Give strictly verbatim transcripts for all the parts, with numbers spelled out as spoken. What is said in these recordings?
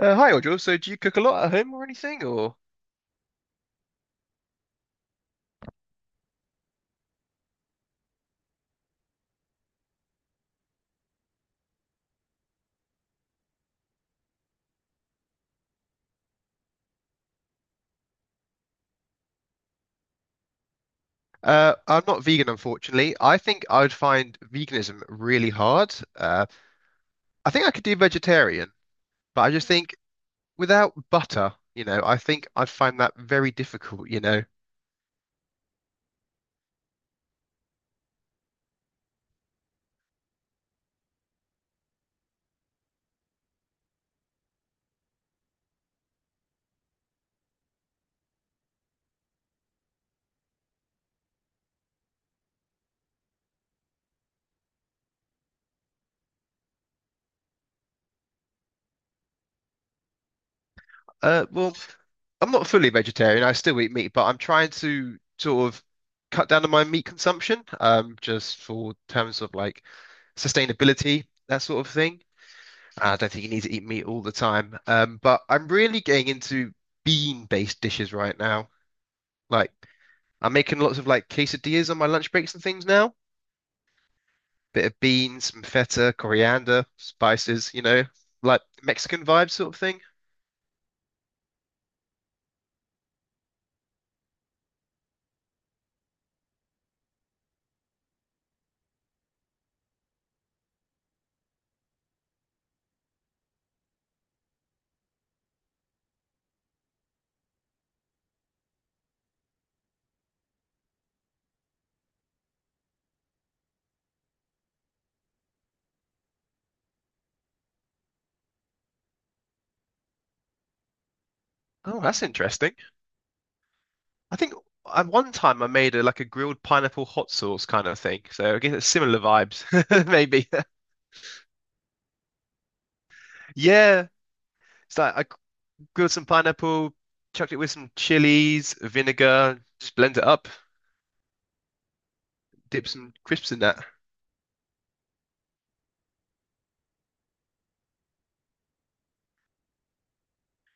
Uh, hi, Audra. So, do you cook a lot at home or anything? Or uh, I'm not vegan, unfortunately. I think I would find veganism really hard. Uh, I think I could do vegetarian, but I just think without butter, you know, I think I'd find that very difficult. You know, uh, well, I'm not fully vegetarian. I still eat meat, but I'm trying to sort of cut down on my meat consumption, um, just for terms of like sustainability, that sort of thing. I don't think you need to eat meat all the time. Um, but I'm really getting into bean-based dishes right now. Like I'm making lots of like quesadillas on my lunch breaks and things now. Bit of beans, some feta, coriander, spices, you know, like Mexican vibe sort of thing. Oh, that's interesting. I think at one time I made a like a grilled pineapple hot sauce kind of thing. So I guess it's similar vibes, maybe. Yeah. It's like I grilled some pineapple, chucked it with some chilies, vinegar, just blend it up. Dip some crisps in that.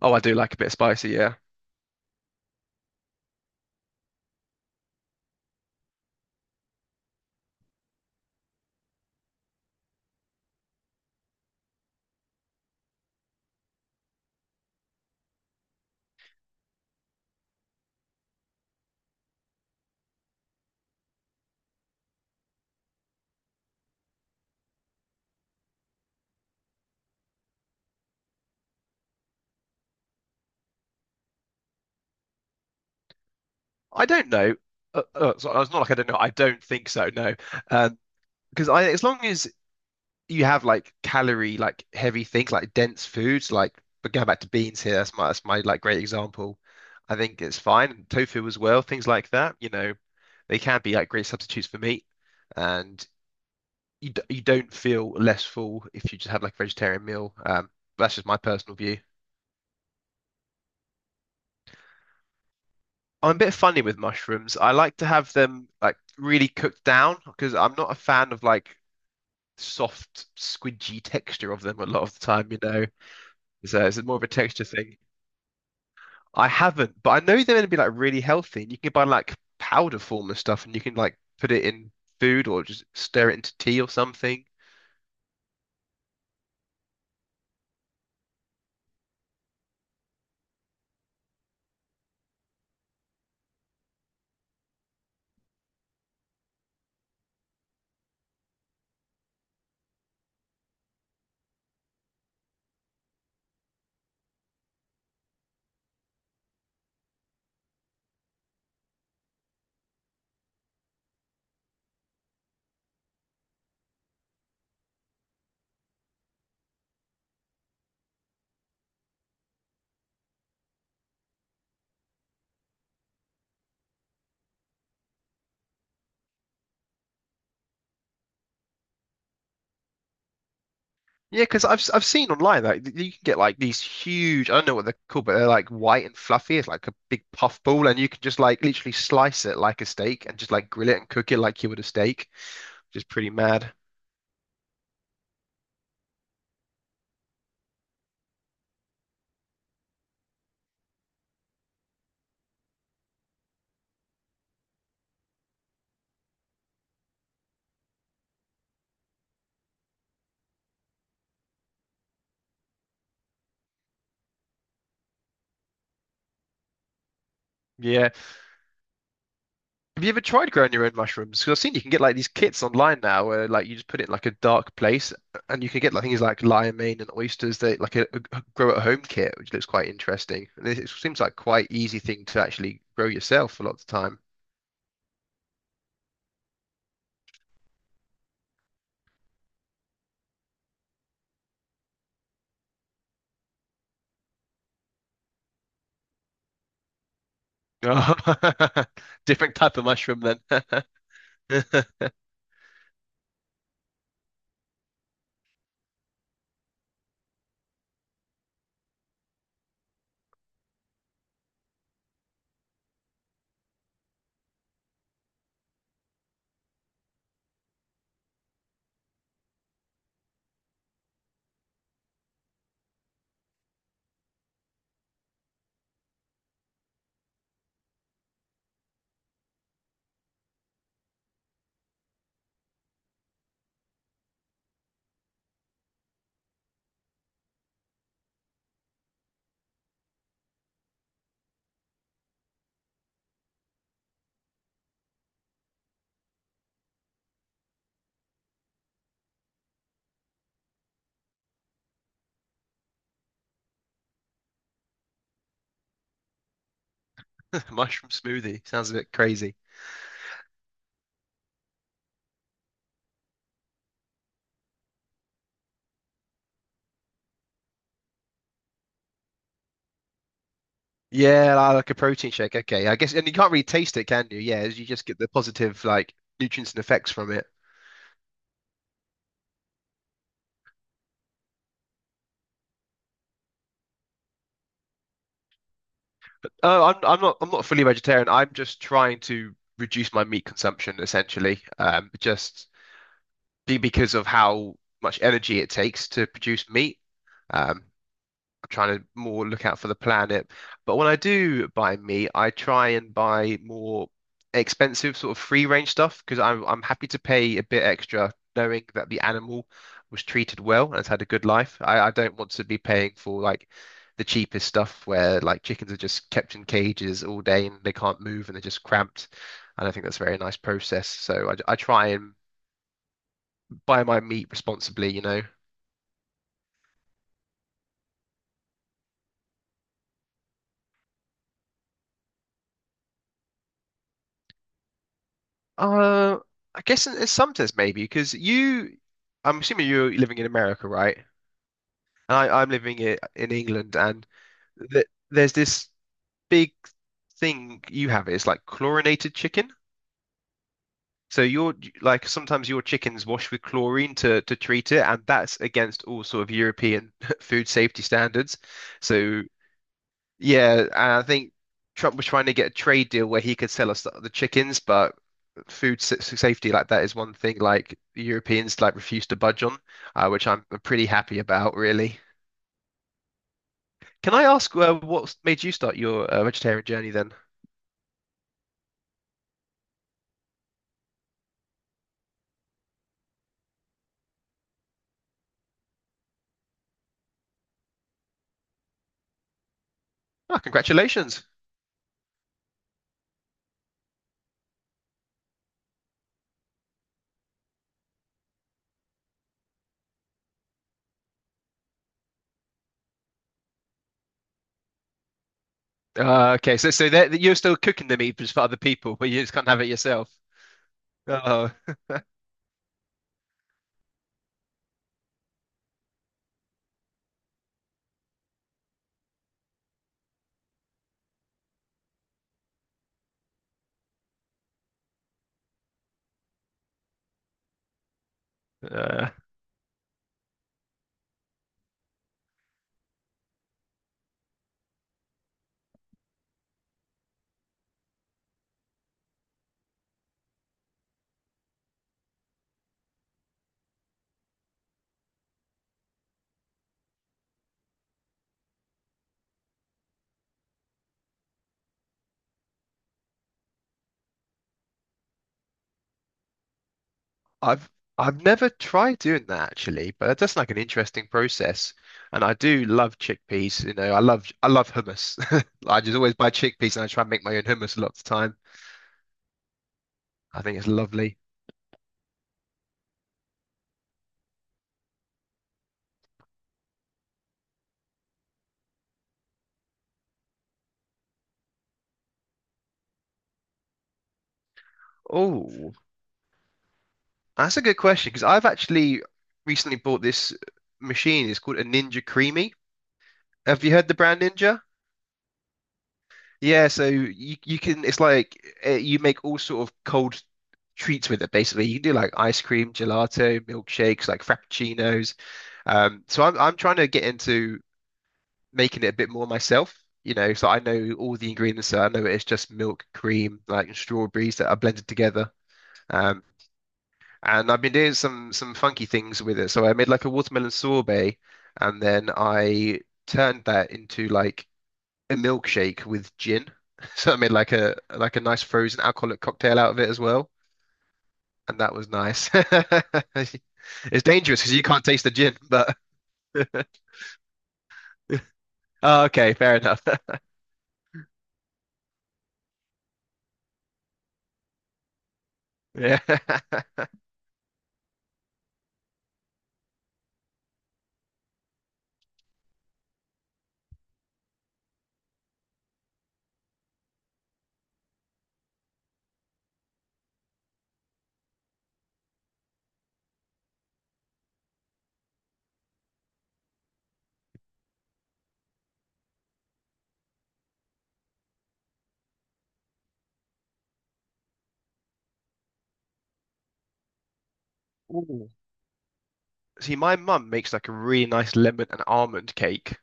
Oh, I do like a bit of spicy, yeah. I don't know. Uh, uh, so uh, it's not like I don't know. I don't think so, no. Um, because I, as long as you have like calorie, like heavy things, like dense foods, like but going back to beans here, that's my that's my like great example. I think it's fine. And tofu as well, things like that. You know, they can be like great substitutes for meat, and you d- you don't feel less full if you just have like a vegetarian meal. Um, that's just my personal view. I'm a bit funny with mushrooms. I like to have them like really cooked down because I'm not a fan of like soft, squidgy texture of them a lot of the time, you know. So it's more of a texture thing. I haven't, but I know they're going to be like really healthy. And you can buy like powder form and stuff, and you can like put it in food or just stir it into tea or something. Yeah, because I've s- I've seen online that like you can get like these huge I don't know what they're called, but they're like white and fluffy. It's like a big puff ball, and you can just like literally slice it like a steak and just like grill it and cook it like you would a steak, which is pretty mad. Yeah. Have you ever tried growing your own mushrooms? Because I've seen you can get like these kits online now where like you just put it in like a dark place and you can get like things like lion mane and oysters that like a, a grow at home kit, which looks quite interesting. And it, it seems like quite easy thing to actually grow yourself a lot of the time. Oh, different type of mushroom then. Mushroom smoothie sounds a bit crazy. Yeah, li- like a protein shake. Okay, I guess, and you can't really taste it, can you? Yeah, you just get the positive like nutrients and effects from it. Oh, I'm I'm not I'm not fully vegetarian. I'm just trying to reduce my meat consumption essentially. Um, just be because of how much energy it takes to produce meat. Um, Trying to more look out for the planet. But when I do buy meat, I try and buy more expensive sort of free range stuff because I'm I'm happy to pay a bit extra knowing that the animal was treated well and has had a good life. I, I don't want to be paying for like the cheapest stuff where like chickens are just kept in cages all day and they can't move and they're just cramped. I don't think that's a very nice process. So I, I try and buy my meat responsibly, you know. Uh, I guess in, in some sense maybe because you, I'm assuming you're living in America, right? And I, I'm living i- in England, and th there's this big thing you have. It's like chlorinated chicken. So your like sometimes your chickens wash with chlorine to to treat it, and that's against all sort of European food safety standards. So yeah, and I think Trump was trying to get a trade deal where he could sell us the chickens, but food sa- safety like that is one thing like the Europeans like refuse to budge on, uh, which I'm I'm pretty happy about, really. Can I ask uh, what made you start your uh, vegetarian journey then? Ah, congratulations. Uh, okay, so so that that you're still cooking the meat just for other people, but you just can't have it yourself. Oh, uh, I've I've never tried doing that actually, but that's like an interesting process. And I do love chickpeas. You know, I love I love hummus. I just always buy chickpeas and I try and make my own hummus a lot of the time. I think it's lovely. Oh, that's a good question because I've actually recently bought this machine. It's called a Ninja Creamy. Have you heard the brand Ninja? Yeah, so you you can it's like uh, you make all sort of cold treats with it basically. You can do like ice cream, gelato, milkshakes, like frappuccinos. Um, so I'm I'm trying to get into making it a bit more myself, you know, so I know all the ingredients. So I know it's just milk, cream, like and strawberries that are blended together. Um, And I've been doing some some funky things with it. So I made like a watermelon sorbet, and then I turned that into like a milkshake with gin. So I made like a like a nice frozen alcoholic cocktail out of it as well, and that was nice. It's dangerous because you can't taste the gin, but oh, okay, fair enough. Yeah. Ooh. See, my mum makes like a really nice lemon and almond cake,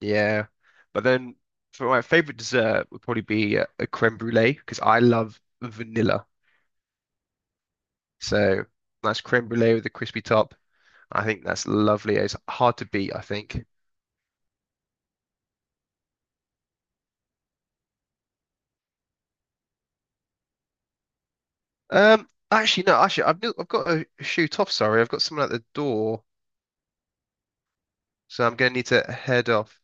yeah. But then for my favorite dessert would probably be a, a creme brulee because I love vanilla. So nice creme brulee with a crispy top. I think that's lovely. It's hard to beat, I think. Um, actually, no, actually, I've, I've got to shoot off. Sorry, I've got someone at the door, so I'm going to need to head off.